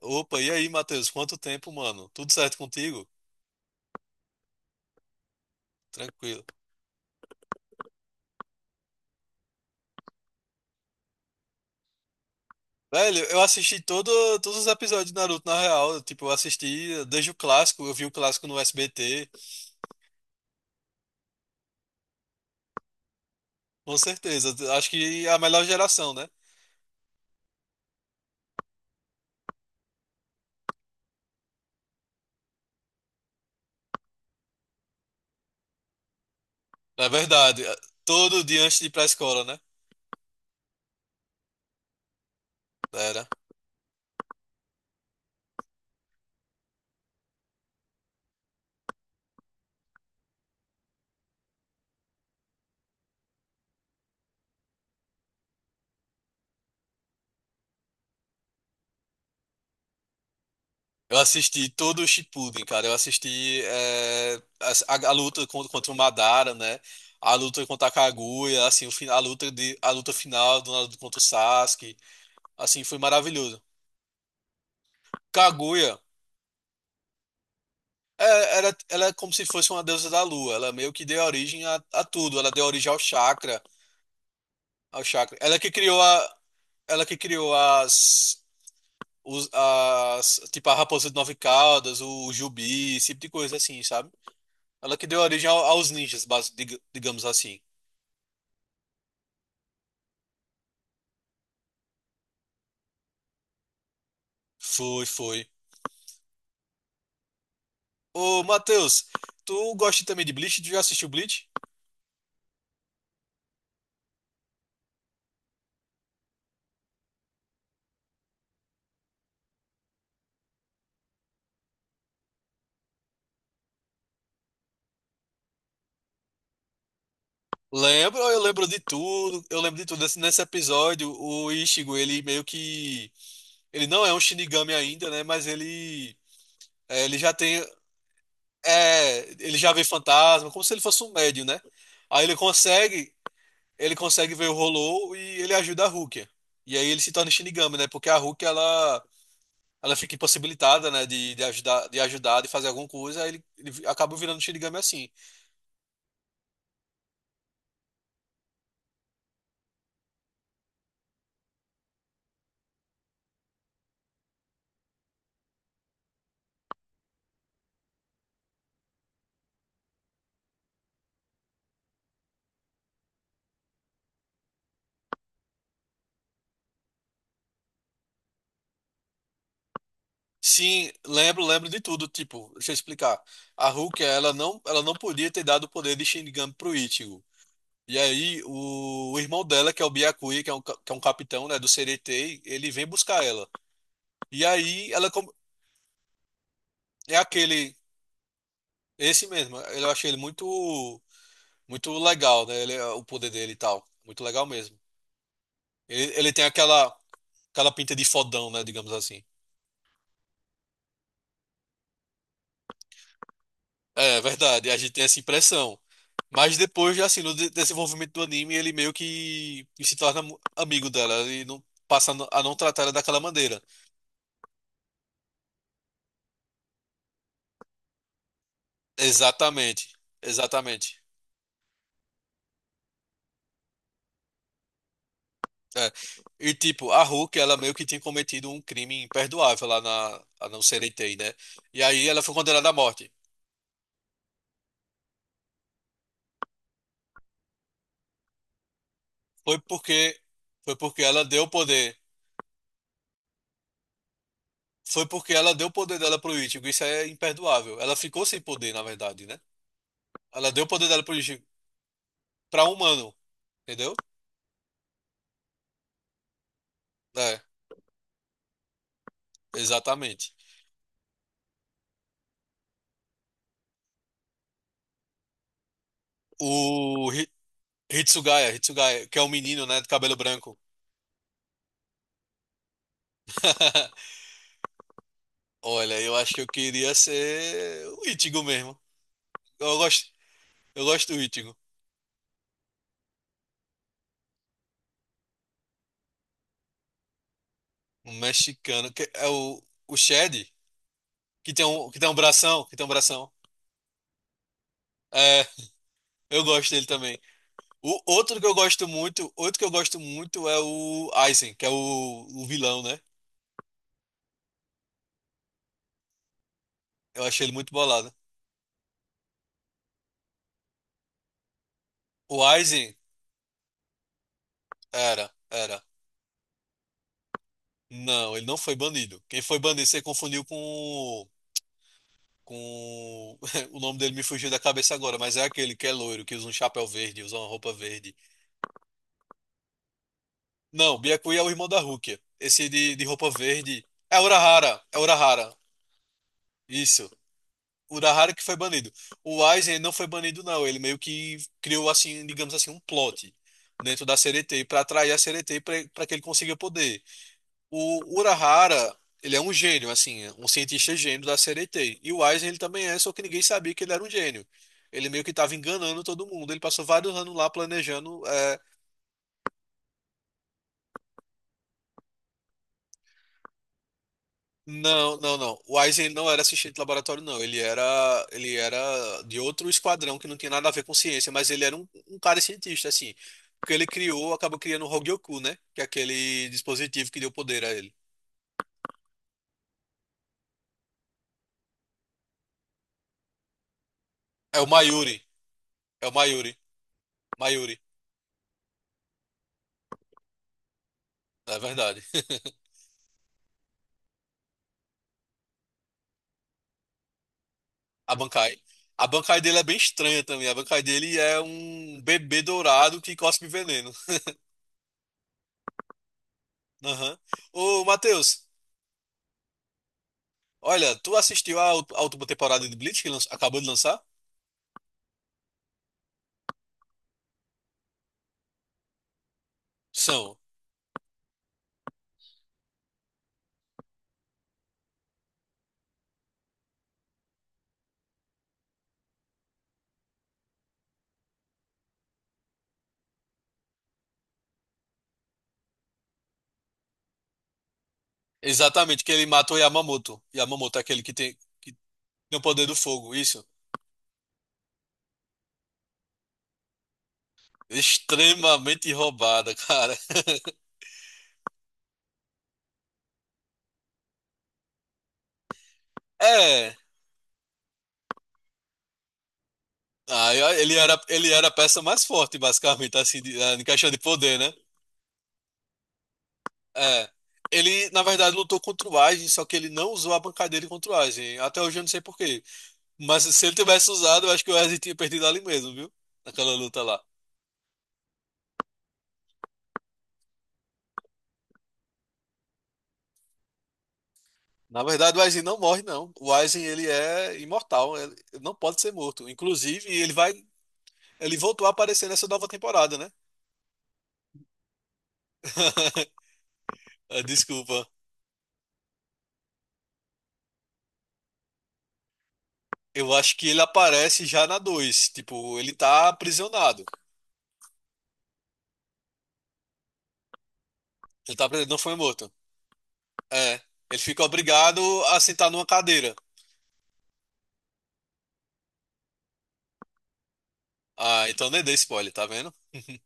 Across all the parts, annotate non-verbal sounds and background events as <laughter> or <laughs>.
Opa, e aí, Matheus? Quanto tempo, mano? Tudo certo contigo? Tranquilo. Velho, todos os episódios de Naruto, na real. Tipo, eu assisti desde o clássico, eu vi o clássico no SBT, com certeza. Acho que é a melhor geração, né? Na verdade, todo dia antes de ir pra escola, né? Era. Eu assisti todo o Shippuden, cara. Eu assisti a luta contra, contra o Madara, né? A luta contra a Kaguya, assim, o, fi- a luta de, a luta final do Naruto contra o Sasuke. Assim, foi maravilhoso. Kaguya é, era, ela é como se fosse uma deusa da lua. Ela meio que deu origem a tudo. Ela deu origem ao chakra, ao chakra. Ela que criou as tipo a raposa de nove caudas, o jubi, esse tipo de coisa assim, sabe? Ela que deu origem aos ninjas, digamos assim. Foi, foi. Ô, Matheus, tu gosta também de Bleach? Tu já assistiu Bleach? Lembro, eu lembro de tudo. Eu lembro de tudo. Nesse episódio, o Ichigo, ele meio que ele não é um Shinigami ainda, né? Mas ele, é, ele já tem. É, ele já vê fantasma, como se ele fosse um médium, né? Aí ele consegue. Ele consegue ver o Hollow e ele ajuda a Rukia. E aí ele se torna Shinigami, né? Porque a Rukia, ela fica impossibilitada, né? De fazer alguma coisa. Aí ele acaba virando Shinigami assim. Sim, lembro, lembro de tudo. Tipo, deixa eu explicar. A Rukia, ela não podia ter dado o poder de Shinigami pro Ichigo. E aí, o irmão dela, que é o Byakuya, que é que é um capitão, né, do CDT, ele vem buscar ela. E aí, ela com- é aquele, esse mesmo. Eu achei ele muito, muito legal, né? Ele, é, o poder dele e tal. Muito legal mesmo. Ele, ele tem aquela, aquela pinta de fodão, né, digamos assim. É, verdade. A gente tem essa impressão. Mas depois, assim, no desenvolvimento do anime, ele meio que se torna amigo dela. Ele não passa a não tratar ela daquela maneira. Exatamente. Exatamente. É. E tipo, a Hulk, ela meio que tinha cometido um crime imperdoável lá na, a não ser ET, né? E aí ela foi condenada à morte. Foi porque foi porque ela deu o poder. Foi porque ela deu o poder dela pro Ichigo. Isso é imperdoável. Ela ficou sem poder, na verdade, né? Ela deu o poder dela pro Ichigo para humano, entendeu? É, exatamente. O Hi- Hitsugaya, Hitsugaya, que é o menino, né, de cabelo branco. <laughs> Olha, eu acho que eu queria ser o Ichigo mesmo. Eu gosto, eu gosto do Ichigo. Um mexicano. Que é o Shed, que tem um bração, que tem um bração. É, eu gosto dele também. O outro que eu gosto muito, outro que eu gosto muito é o Aizen, que é o vilão, né? Eu achei ele muito bolado. O Aizen era, era. Não, ele não foi banido. Quem foi banido, você confundiu com o- com <laughs> o nome dele me fugiu da cabeça agora, mas é aquele que é loiro, que usa um chapéu verde, usa uma roupa verde. Não, Byakuya é o irmão da Rukia. Esse de roupa verde é Urahara, é Urahara. Isso. Urahara que foi banido. O Aizen não foi banido, não. Ele meio que criou, assim, digamos assim, um plot dentro da CDT para atrair a CDT para que ele consiga poder. O Urahara, ele é um gênio, assim, um cientista gênio da CDT. E o Aizen, ele também é, só que ninguém sabia que ele era um gênio. Ele meio que estava enganando todo mundo. Ele passou vários anos lá planejando. Não, não, não. O Aizen não era assistente de laboratório, não. Ele era de outro esquadrão que não tinha nada a ver com ciência, mas ele era um cara cientista, assim. Porque ele criou, acabou criando o Hogyoku, né? Que é aquele dispositivo que deu poder a ele. É o Mayuri. É o Mayuri. Mayuri, é verdade. <laughs> A Bankai. A Bankai dele é bem estranha também. A Bankai dele é um bebê dourado que cospe veneno. <laughs> Aham. Ô, Matheus, olha, tu assistiu à última temporada de Bleach que acabou de lançar? São. Exatamente, que ele mata o Yamamoto. Yamamoto é aquele que tem o poder do fogo, isso. Extremamente roubada, cara. <laughs> É. Ah, ele era a peça mais forte, basicamente, assim, de, ah, em questão de poder, né? É. Ele, na verdade, lutou contra o Aizen, só que ele não usou a bancadeira contra o Aizen. Até hoje eu não sei por quê. Mas se ele tivesse usado, eu acho que o Aizen tinha perdido ali mesmo, viu? Naquela luta lá. Na verdade, o Aizen não morre, não. O Aizen, ele é imortal. Ele não pode ser morto. Inclusive, ele vai ele voltou a aparecer nessa nova temporada, né? <laughs> Ah, desculpa. Eu acho que ele aparece já na dois. Tipo, ele tá aprisionado. Ele tá aprisionado, não foi morto. É. Ele fica obrigado a sentar numa cadeira. Ah, então nem dei spoiler, tá vendo? <laughs>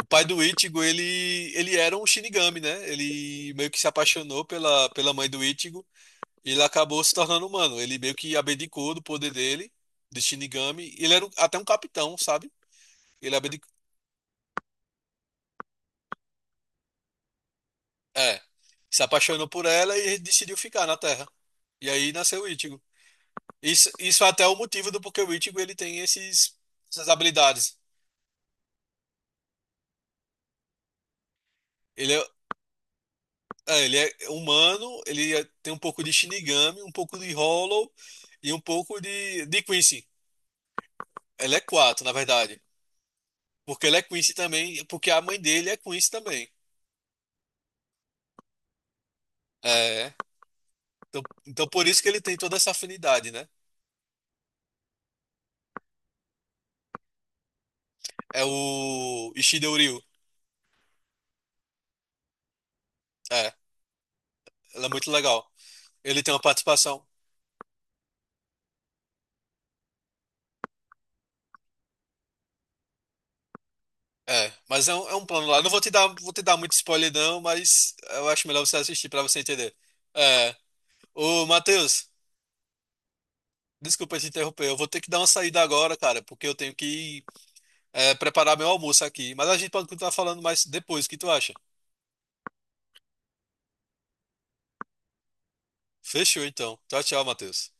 O pai do Ichigo, ele era um Shinigami, né? Ele meio que se apaixonou pela, pela mãe do Ichigo e ele acabou se tornando humano. Ele meio que abdicou do poder dele, de Shinigami. Ele era um- até um capitão, sabe? Ele abdi- é, se apaixonou por ela e decidiu ficar na Terra. E aí nasceu o Ichigo. Isso é até o motivo do porquê o Ichigo essas habilidades. Ele é, é, ele é humano, ele é- tem um pouco de Shinigami, um pouco de Hollow e um pouco de Quincy. Ele é quatro, na verdade. Porque ele é Quincy também, porque a mãe dele é Quincy também. É. Então, então por isso que ele tem toda essa afinidade, né? É o Ishidouril. É, ela é muito legal. Ele tem uma participação. É, mas é um plano lá. Não vou te dar, vou te dar muito spoiler, não, mas eu acho melhor você assistir pra você entender. É, ô, Matheus, desculpa te interromper. Eu vou ter que dar uma saída agora, cara, porque eu tenho que preparar meu almoço aqui. Mas a gente pode continuar falando mais depois. O que tu acha? Fechou, então. Tchau, tchau, Matheus.